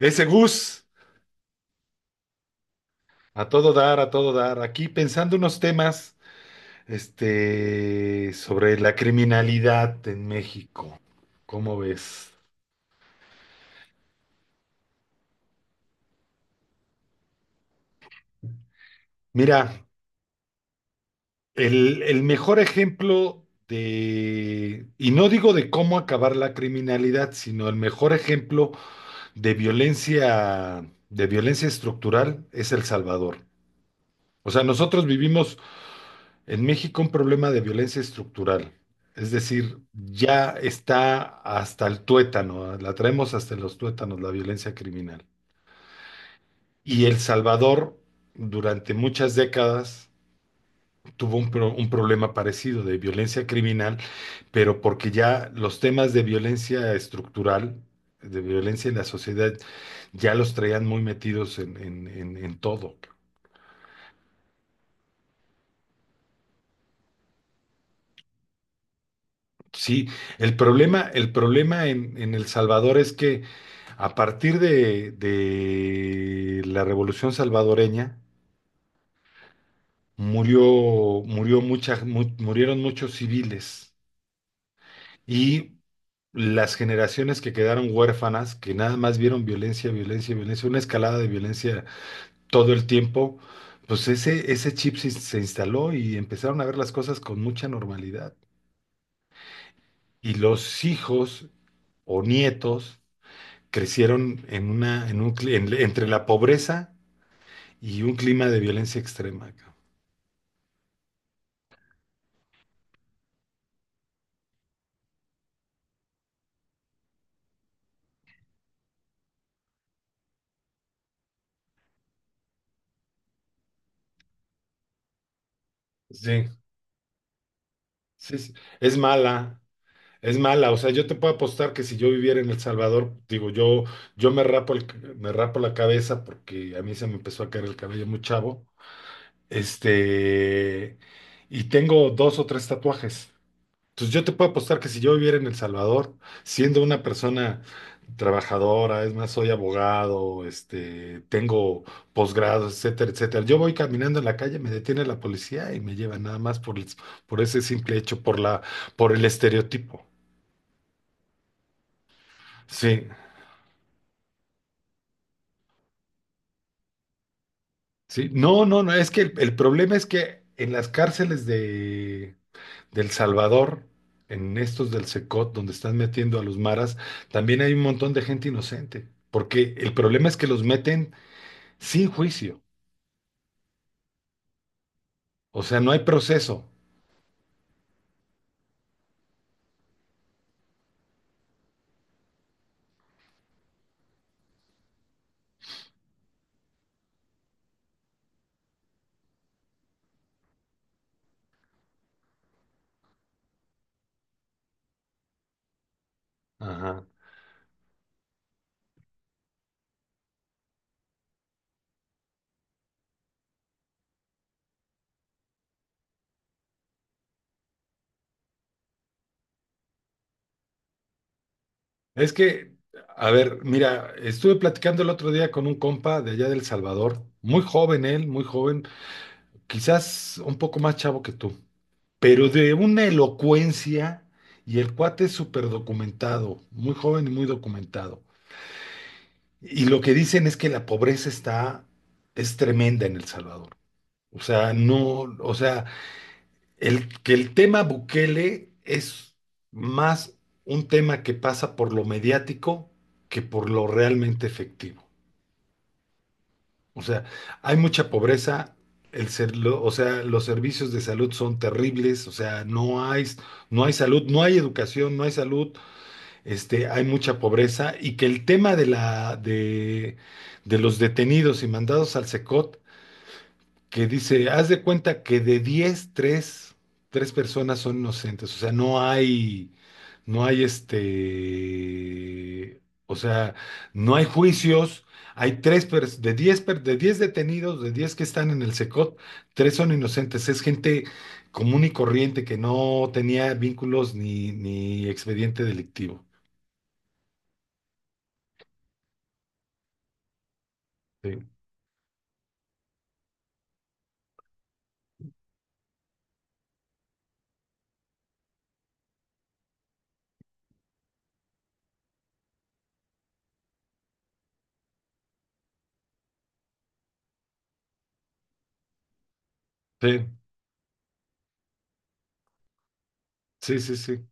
Ese Gus, a todo dar, a todo dar. Aquí pensando unos temas, sobre la criminalidad en México. ¿Cómo ves? Mira, el mejor ejemplo de, y no digo de cómo acabar la criminalidad, sino el mejor ejemplo de violencia estructural es El Salvador. O sea, nosotros vivimos en México un problema de violencia estructural, es decir, ya está hasta el tuétano, la traemos hasta los tuétanos, la violencia criminal. Y El Salvador durante muchas décadas tuvo un, un problema parecido de violencia criminal, pero porque ya los temas de violencia estructural, de violencia en la sociedad, ya los traían muy metidos en todo. Sí, el problema en El Salvador es que a partir de la Revolución Salvadoreña, murió, murieron muchos civiles y las generaciones que quedaron huérfanas, que nada más vieron violencia, violencia, violencia, una escalada de violencia todo el tiempo, pues ese chip se instaló y empezaron a ver las cosas con mucha normalidad. Y los hijos o nietos crecieron en una, en un, cli- en- entre la pobreza y un clima de violencia extrema. Sí, sí, sí. Es mala, es mala. O sea, yo te puedo apostar que si yo viviera en El Salvador, digo, yo, yo me rapo el, me rapo la cabeza porque a mí se me empezó a caer el cabello muy chavo. Este, y tengo dos o tres tatuajes. Entonces yo te puedo apostar que si yo viviera en El Salvador, siendo una persona trabajadora, es más, soy abogado, tengo posgrados, etcétera, etcétera. Yo voy caminando en la calle, me detiene la policía y me lleva nada más por ese simple hecho, por el estereotipo. Sí, sí. No, no, no, es que el problema es que en las cárceles de El Salvador, en estos del Secot, donde están metiendo a los maras, también hay un montón de gente inocente. Porque el problema es que los meten sin juicio. O sea, no hay proceso. Ajá. Es que, a ver, mira, estuve platicando el otro día con un compa de allá del Salvador, muy joven él, muy joven, quizás un poco más chavo que tú, pero de una elocuencia y el cuate es súper documentado, muy joven y muy documentado. Y lo que dicen es que es tremenda en El Salvador. O sea, no, o sea, el, que el tema Bukele es más un tema que pasa por lo mediático que por lo realmente efectivo. O sea, hay mucha pobreza, o sea, los servicios de salud son terribles, o sea, no hay salud, no hay educación, no hay salud, hay mucha pobreza y que el tema de los detenidos y mandados al SECOT que dice, haz de cuenta que de 10 3 tres personas son inocentes, o sea, no hay o sea, no hay juicios, hay tres, pers- de 10 per- de 10 detenidos, de 10 que están en el SECOT, tres son inocentes, es gente común y corriente que no tenía vínculos ni, ni expediente delictivo. Sí, sí, sí, sí, sí.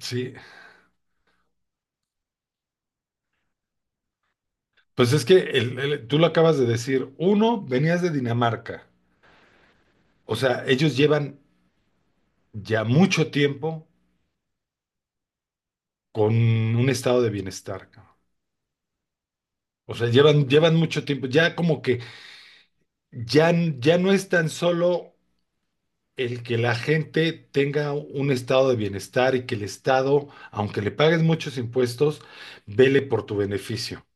Sí, pues es que tú lo acabas de decir, uno, venías de Dinamarca. O sea, ellos llevan ya mucho tiempo con un estado de bienestar, cabrón. O sea, llevan mucho tiempo. Ya como que ya, ya no es tan solo el que la gente tenga un estado de bienestar y que el Estado, aunque le pagues muchos impuestos, vele por tu beneficio.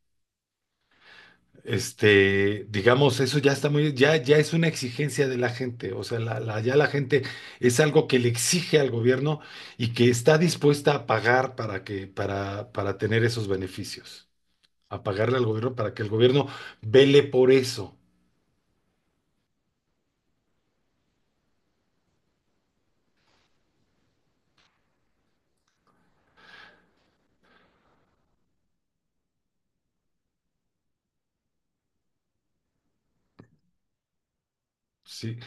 Digamos, eso ya está muy, ya, ya es una exigencia de la gente, o sea, ya la gente es algo que le exige al gobierno y que está dispuesta a pagar para que, para tener esos beneficios, a pagarle al gobierno para que el gobierno vele por eso, ¿sí?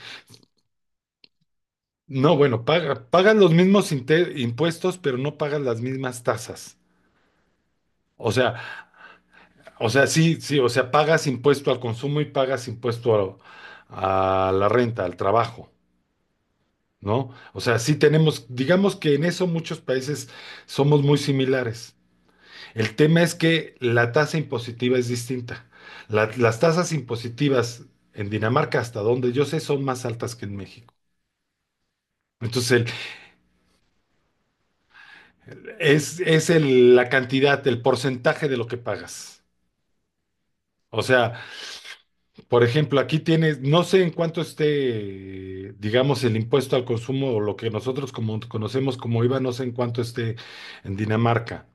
No, bueno, pagan los mismos impuestos, pero no pagan las mismas tasas. O sea, o sea, sí, sí, o sea, pagas impuesto al consumo y pagas impuesto a la renta, al trabajo. ¿No? O sea, sí tenemos, digamos que en eso muchos países somos muy similares. El tema es que la tasa impositiva es distinta. Las tasas impositivas en Dinamarca, hasta donde yo sé, son más altas que en México. Entonces, es, la cantidad, el porcentaje de lo que pagas. O sea, por ejemplo, aquí tienes, no sé en cuánto esté, digamos, el impuesto al consumo o lo que nosotros conocemos como IVA, no sé en cuánto esté en Dinamarca.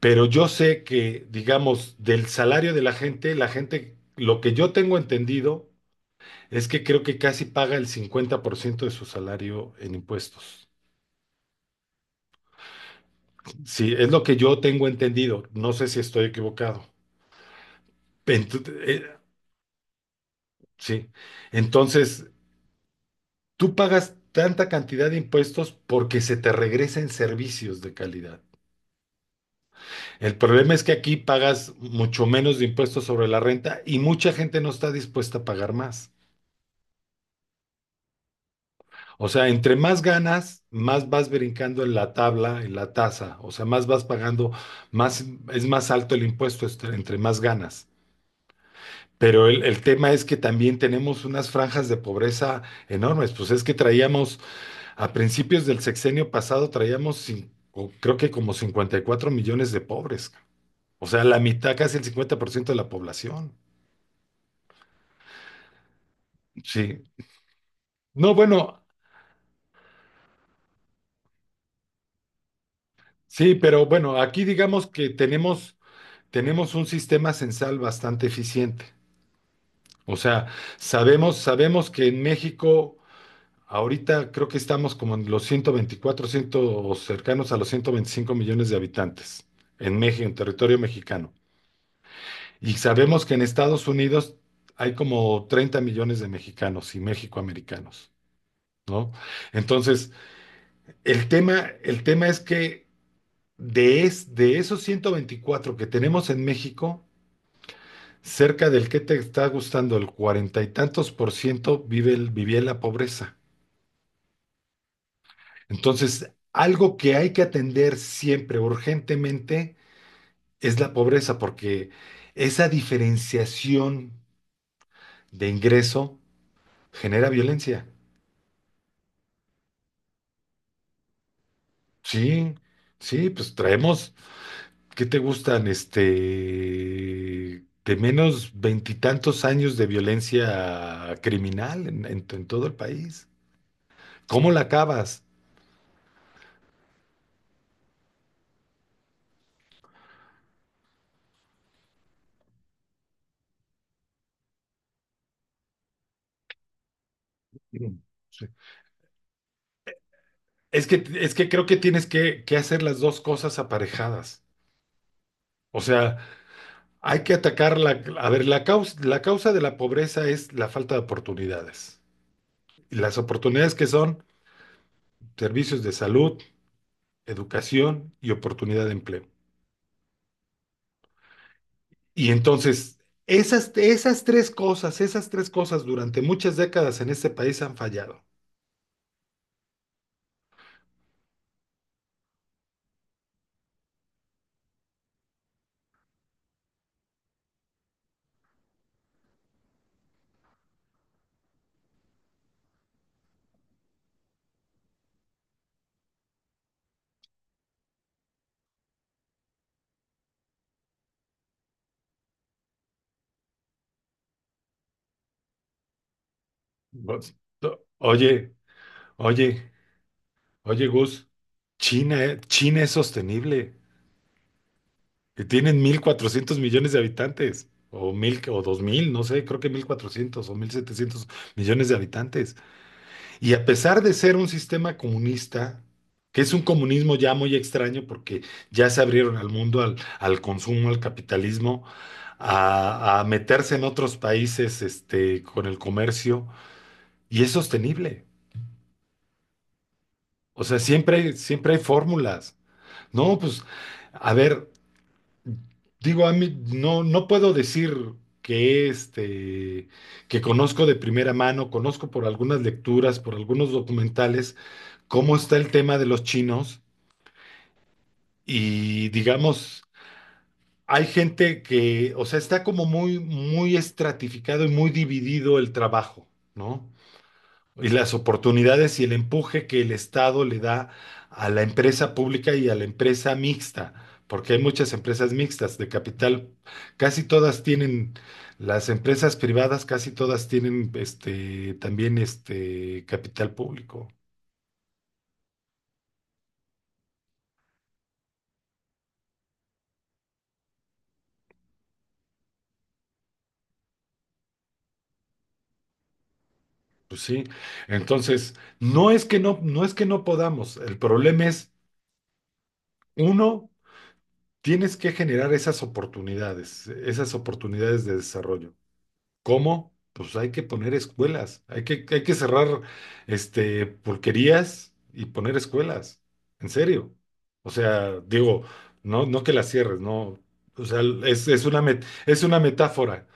Pero yo sé que, digamos, del salario de la gente, lo que yo tengo entendido es que creo que casi paga el 50% de su salario en impuestos. Sí, es lo que yo tengo entendido. No sé si estoy equivocado. Ent- eh, sí. Entonces, tú pagas tanta cantidad de impuestos porque se te regresen servicios de calidad. El problema es que aquí pagas mucho menos de impuestos sobre la renta y mucha gente no está dispuesta a pagar más. O sea, entre más ganas, más vas brincando en la tabla, en la tasa, o sea, más vas pagando, más es más alto el impuesto entre más ganas. Pero el tema es que también tenemos unas franjas de pobreza enormes. Pues es que traíamos, a principios del sexenio pasado, traíamos o creo que como 54 millones de pobres. O sea, la mitad, casi el 50% de la población. Sí. No, bueno, sí, pero bueno, aquí digamos que tenemos un sistema censal bastante eficiente. O sea, sabemos que en México ahorita creo que estamos como en los 124, 100 o cercanos a los 125 millones de habitantes en México, en territorio mexicano. Y sabemos que en Estados Unidos hay como 30 millones de mexicanos y mexicoamericanos, ¿no? Entonces, el tema es que de esos 124 que tenemos en México, cerca del que te está gustando el cuarenta y tantos por ciento vivía en la pobreza. Entonces, algo que hay que atender siempre, urgentemente, es la pobreza, porque esa diferenciación de ingreso genera violencia. Sí, sí, pues traemos, ¿qué te gustan? De menos 20 y tantos años de violencia criminal en, en todo el país. ¿Cómo la acabas? Sí. Es que creo que tienes que hacer las dos cosas aparejadas. O sea, hay que atacar la... A ver, la causa de la pobreza es la falta de oportunidades. Y las oportunidades que son servicios de salud, educación y oportunidad de empleo. Y entonces, esas tres cosas durante muchas décadas en este país han fallado. Vos- Oye, oye, Gus, China, China es sostenible, que tienen 1.400 millones de habitantes, o mil, o 2.000 no sé, creo que 1.400 o 1.700 millones de habitantes. Y a pesar de ser un sistema comunista, que es un comunismo ya muy extraño porque ya se abrieron al mundo, al consumo, al capitalismo, a meterse en otros países, con el comercio, y es sostenible. O sea, siempre hay fórmulas. No, pues, a ver, digo, a mí no puedo decir que que conozco de primera mano, conozco por algunas lecturas, por algunos documentales, cómo está el tema de los chinos y digamos, hay gente que, o sea, está como muy, muy estratificado y muy dividido el trabajo, ¿no? Y las oportunidades y el empuje que el Estado le da a la empresa pública y a la empresa mixta, porque hay muchas empresas mixtas de capital, casi todas tienen, las empresas privadas casi todas tienen también capital público. Pues sí. Entonces, no es que no, no es que no podamos, el problema es, uno, tienes que generar esas oportunidades de desarrollo. ¿Cómo? Pues hay que poner escuelas, hay que cerrar pulquerías y poner escuelas, en serio. O sea, digo, no, no que las cierres, no. O sea, es,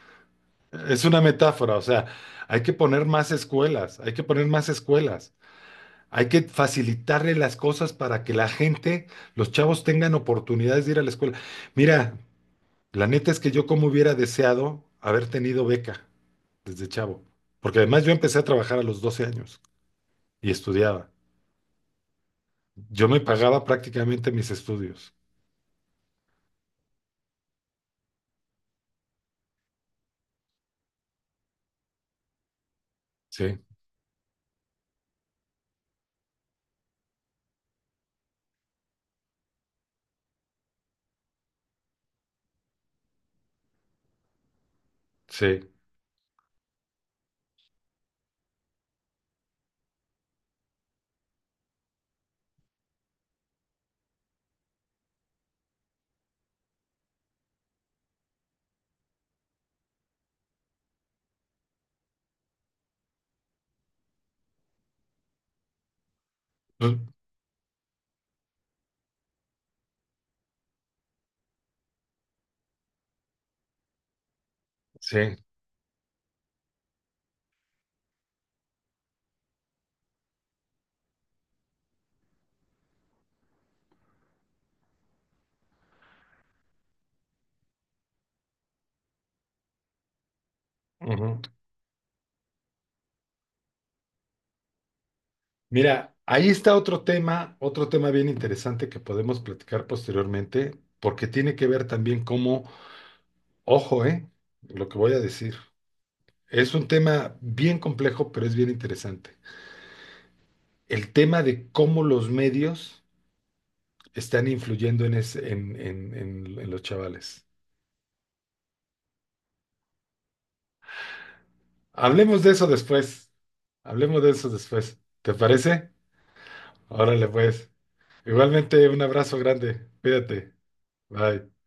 es una metáfora, o sea, hay que poner más escuelas, hay que poner más escuelas, hay que facilitarle las cosas para que la gente, los chavos tengan oportunidades de ir a la escuela. Mira, la neta es que yo como hubiera deseado haber tenido beca desde chavo. Porque además yo empecé a trabajar a los 12 años y estudiaba. Yo me pagaba prácticamente mis estudios. Sí, sí, pues, sí. Ujú. Mira, ahí está otro tema bien interesante que podemos platicar posteriormente, porque tiene que ver también cómo, ojo, lo que voy a decir. Es un tema bien complejo, pero es bien interesante. El tema de cómo los medios están influyendo en, en los chavales. Hablemos de eso después. Hablemos de eso después. ¿Te parece? Órale, pues. Igualmente, un abrazo grande. Cuídate. Bye.